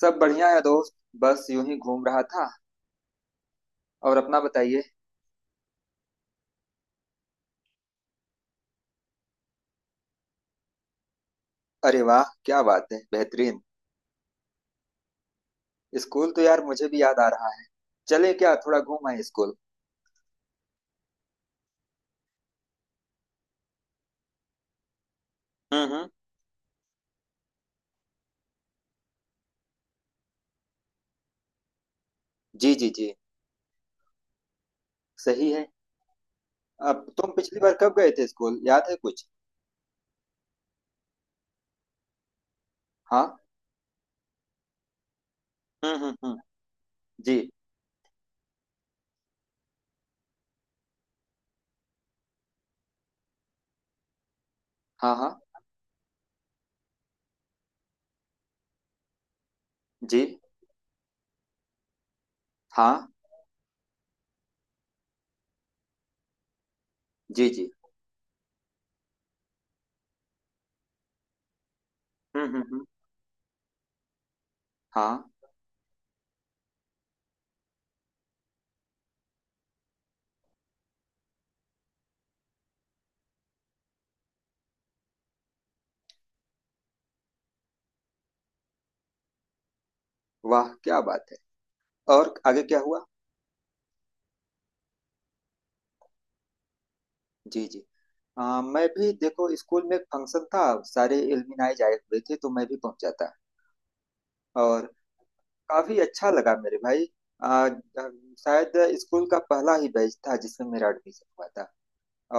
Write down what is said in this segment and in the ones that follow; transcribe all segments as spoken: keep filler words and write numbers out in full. सब बढ़िया है दोस्त। बस यूं ही घूम रहा था। और अपना बताइए। अरे वाह क्या बात है, बेहतरीन। स्कूल तो यार मुझे भी याद आ रहा है। चले क्या थोड़ा घूम आए स्कूल। हम्म हम्म। जी जी जी। सही है। अब तुम पिछली बार कब गए थे स्कूल, याद है कुछ। हाँ। हम्म हम्म हम्म। जी। हाँ हाँ। जी हाँ। जी जी। हम्म हम्म हम्म। हाँ। वाह क्या बात है। और आगे क्या हुआ। जी जी। आ, मैं भी देखो स्कूल में एक फंक्शन था। सारे एलुमनाई आए हुए थे तो मैं भी पहुंचा था। और काफी अच्छा लगा मेरे भाई। आ, अ, शायद स्कूल का पहला ही बैच था जिसमें मेरा एडमिशन हुआ था।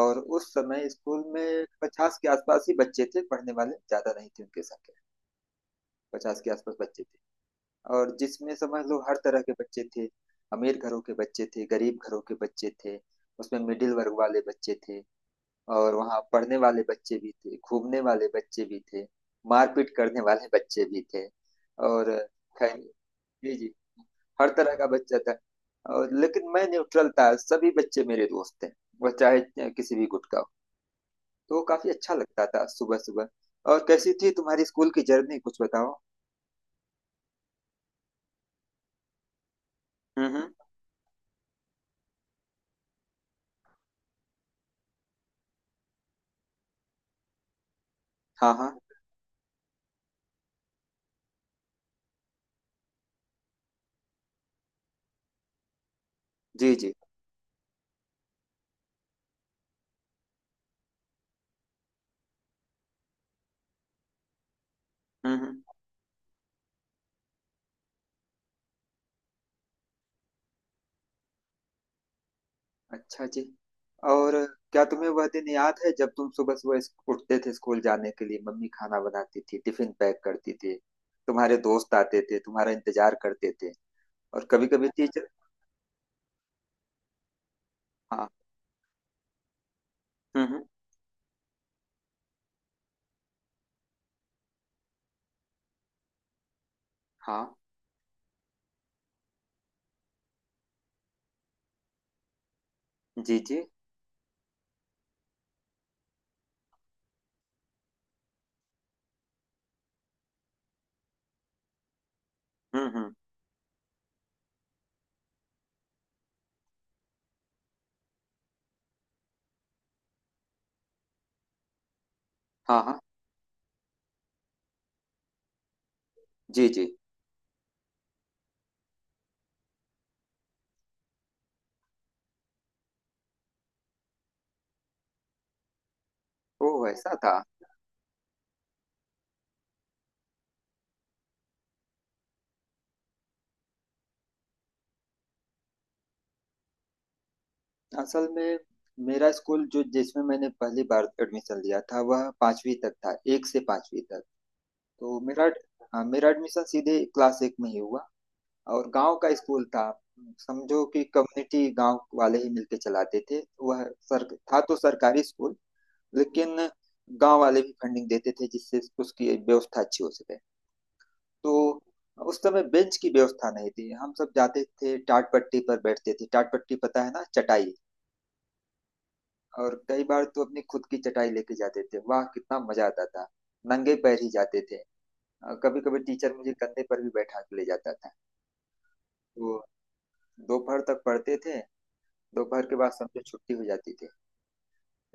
और उस समय स्कूल में पचास के आसपास ही बच्चे थे, पढ़ने वाले ज्यादा नहीं थे उनके संख्या। पचास के आसपास बच्चे थे। और जिसमें समझ लो हर तरह के बच्चे थे। अमीर घरों के बच्चे थे, गरीब घरों के बच्चे थे। उसमें मिडिल वर्ग वाले बच्चे थे। और वहाँ पढ़ने वाले बच्चे भी थे, घूमने वाले बच्चे भी थे, मारपीट करने वाले बच्चे भी थे। और जी जी हर तरह का बच्चा था। और लेकिन मैं न्यूट्रल था, सभी बच्चे मेरे दोस्त थे। वह चाहे किसी भी गुट का हो। तो वो काफी अच्छा लगता था सुबह सुबह। और कैसी थी तुम्हारी स्कूल की जर्नी, कुछ बताओ। हम्म हम्म। हाँ हाँ। जी जी। हम्म हम्म। अच्छा जी। और क्या तुम्हें वह दिन याद है जब तुम सुबह सुबह इस- उठते थे स्कूल जाने के लिए, मम्मी खाना बनाती थी टिफिन पैक करती थी। तुम्हारे दोस्त आते थे तुम्हारा इंतजार करते थे। और कभी कभी टीचर। हाँ। हम्म हम्म। हाँ। जी जी। हम्म हम्म। हाँ हाँ। जी जी। ओ ऐसा था। असल में मेरा स्कूल जो जिसमें मैंने पहली बार एडमिशन लिया था वह पांचवी तक था, एक से पांचवी तक। तो मेरा। हाँ, मेरा एडमिशन सीधे क्लास एक में ही हुआ। और गांव का स्कूल था। समझो कि कम्युनिटी गांव वाले ही मिलके चलाते थे। वह सर था तो सरकारी स्कूल, लेकिन गांव वाले भी फंडिंग देते थे जिससे उसकी व्यवस्था अच्छी हो सके। तो उस समय बेंच की व्यवस्था नहीं थी, हम सब जाते थे टाट पट्टी पर बैठते थे। टाट पट्टी पता है ना, चटाई। और कई बार तो अपनी खुद की चटाई लेके जाते थे। वाह कितना मजा आता था। नंगे पैर ही जाते थे। कभी कभी टीचर मुझे कंधे पर भी बैठा के ले जाता था। तो दोपहर तक पढ़ते थे। दोपहर के बाद समझो छुट्टी हो जाती थी।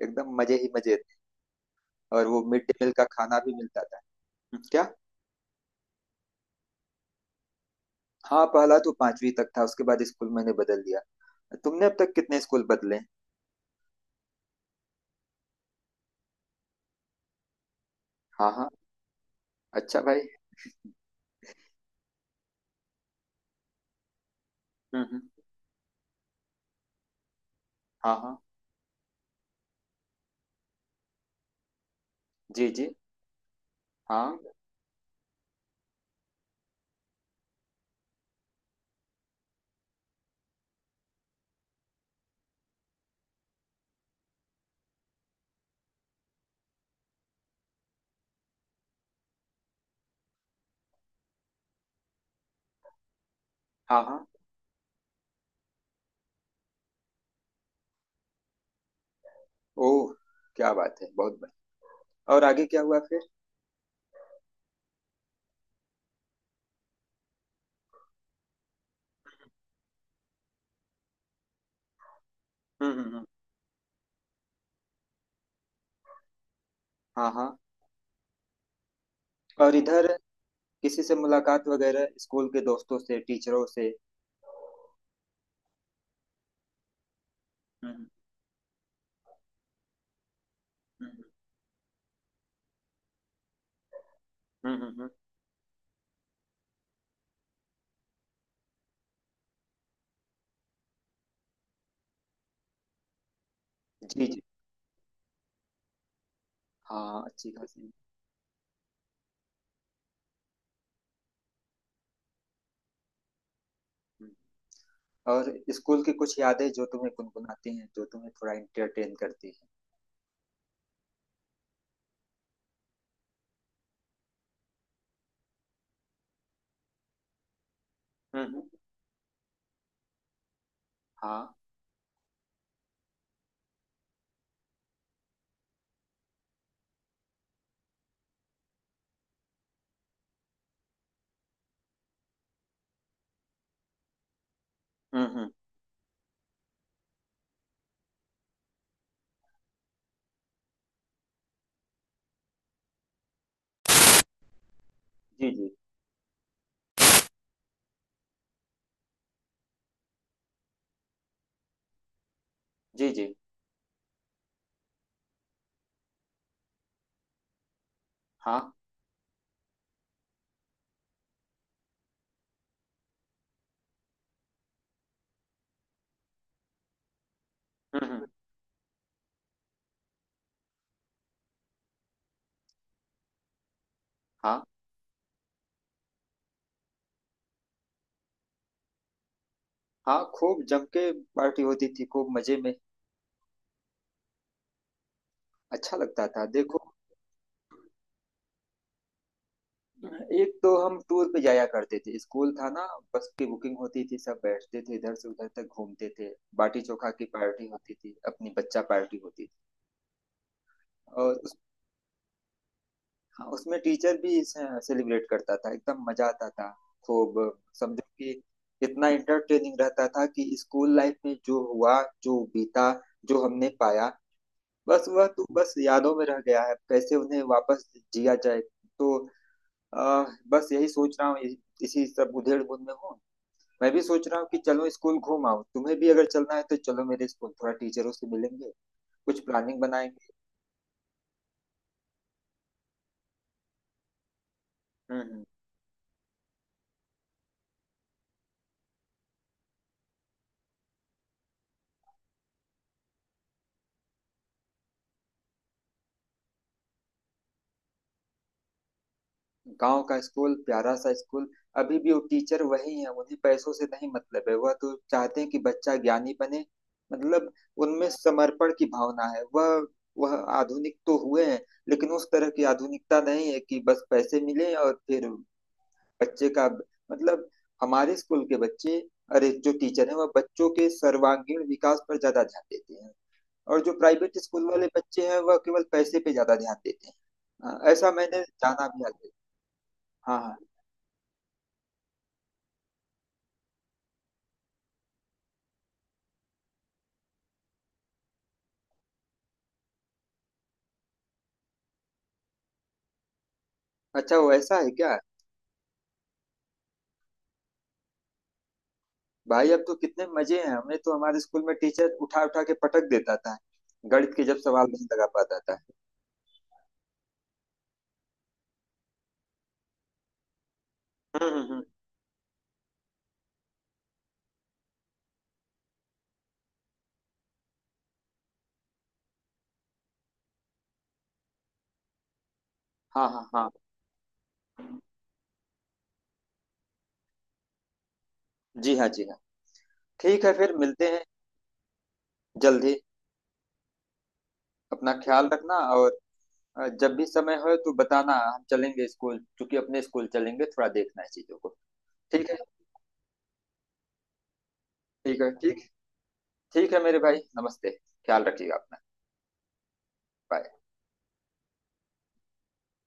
एकदम मजे ही मजे थे। और वो मिड डे मील का खाना भी मिलता था। हम्म, क्या। हाँ पहला तो पांचवी तक था, उसके बाद स्कूल मैंने बदल दिया। तुमने अब तक कितने स्कूल बदले। हाँ हाँ। अच्छा भाई। हम्म हम्म। हाँ हाँ। जी जी। हाँ हाँ हाँ। ओह। क्या बात है, बहुत बढ़िया। और आगे क्या हुआ फिर। हम्म हम्म हम्म। हाँ हाँ। और इधर किसी से मुलाकात वगैरह, स्कूल के दोस्तों से, टीचरों से। हम्म हम्म हम्म हम्म। हम्म। जी जी। हाँ अच्छी खासी। हम्म। और स्कूल की कुछ यादें जो तुम्हें गुनगुनाती हैं, जो तुम्हें थोड़ा इंटरटेन करती हैं। हम्म हम्म। हाँ। हम्म हम्म। जी जी। जी जी। हाँ। हम्म हम्म। हाँ हाँ खूब जम के। पार्टी होती थी खूब मजे में। अच्छा लगता था देखो। एक तो हम टूर पे जाया करते थे, स्कूल था ना। बस की बुकिंग होती थी, सब बैठते थे इधर से उधर तक घूमते थे। बाटी चोखा की पार्टी होती थी, अपनी बच्चा पार्टी होती थी। और उस, उसमें टीचर भी सेलिब्रेट करता था, एकदम मजा आता था खूब। समझो कि इतना इंटरटेनिंग रहता था कि स्कूल लाइफ में जो हुआ जो बीता जो हमने पाया, बस वह तो बस यादों में रह गया है, कैसे उन्हें वापस जिया जाए। तो अ, बस यही सोच रहा हूँ। इसी सब उधेड़ बुन में हूँ। मैं भी सोच रहा हूँ कि चलो स्कूल घूम आओ, तुम्हें भी अगर चलना है तो चलो मेरे स्कूल, थोड़ा टीचरों से मिलेंगे, कुछ प्लानिंग बनाएंगे। हम्म। गांव का स्कूल, प्यारा सा स्कूल। अभी भी वो टीचर वही है, उन्हें पैसों से नहीं मतलब है, वह तो चाहते हैं कि बच्चा ज्ञानी बने। मतलब उनमें समर्पण की भावना है, वह वह आधुनिक तो हुए हैं लेकिन उस तरह की आधुनिकता नहीं है कि बस पैसे मिले और फिर बच्चे का, मतलब हमारे स्कूल के बच्चे, अरे जो टीचर हैं वह बच्चों के सर्वांगीण विकास पर ज्यादा ध्यान देते हैं। और जो प्राइवेट स्कूल वाले बच्चे हैं वह केवल पैसे पे ज्यादा ध्यान देते हैं। हाँ, ऐसा मैंने जाना भी आगे। हाँ हाँ। अच्छा वो ऐसा है क्या। भाई अब तो कितने मजे हैं, हमें तो हमारे स्कूल में टीचर उठा उठा के पटक देता था, गणित के जब सवाल नहीं लगा पाता था। हम्म हम्म हम्म। हाँ हाँ हाँ। जी हाँ जी हाँ। ठीक है फिर मिलते हैं। जल्दी। अपना ख्याल रखना। और अ, जब भी समय हो तो बताना, हम चलेंगे स्कूल, क्योंकि अपने स्कूल चलेंगे, थोड़ा देखना है चीजों को। ठीक है। ठीक है ठीक। ठीक है मेरे भाई, नमस्ते। ख्याल रखिएगा अपना। बाय।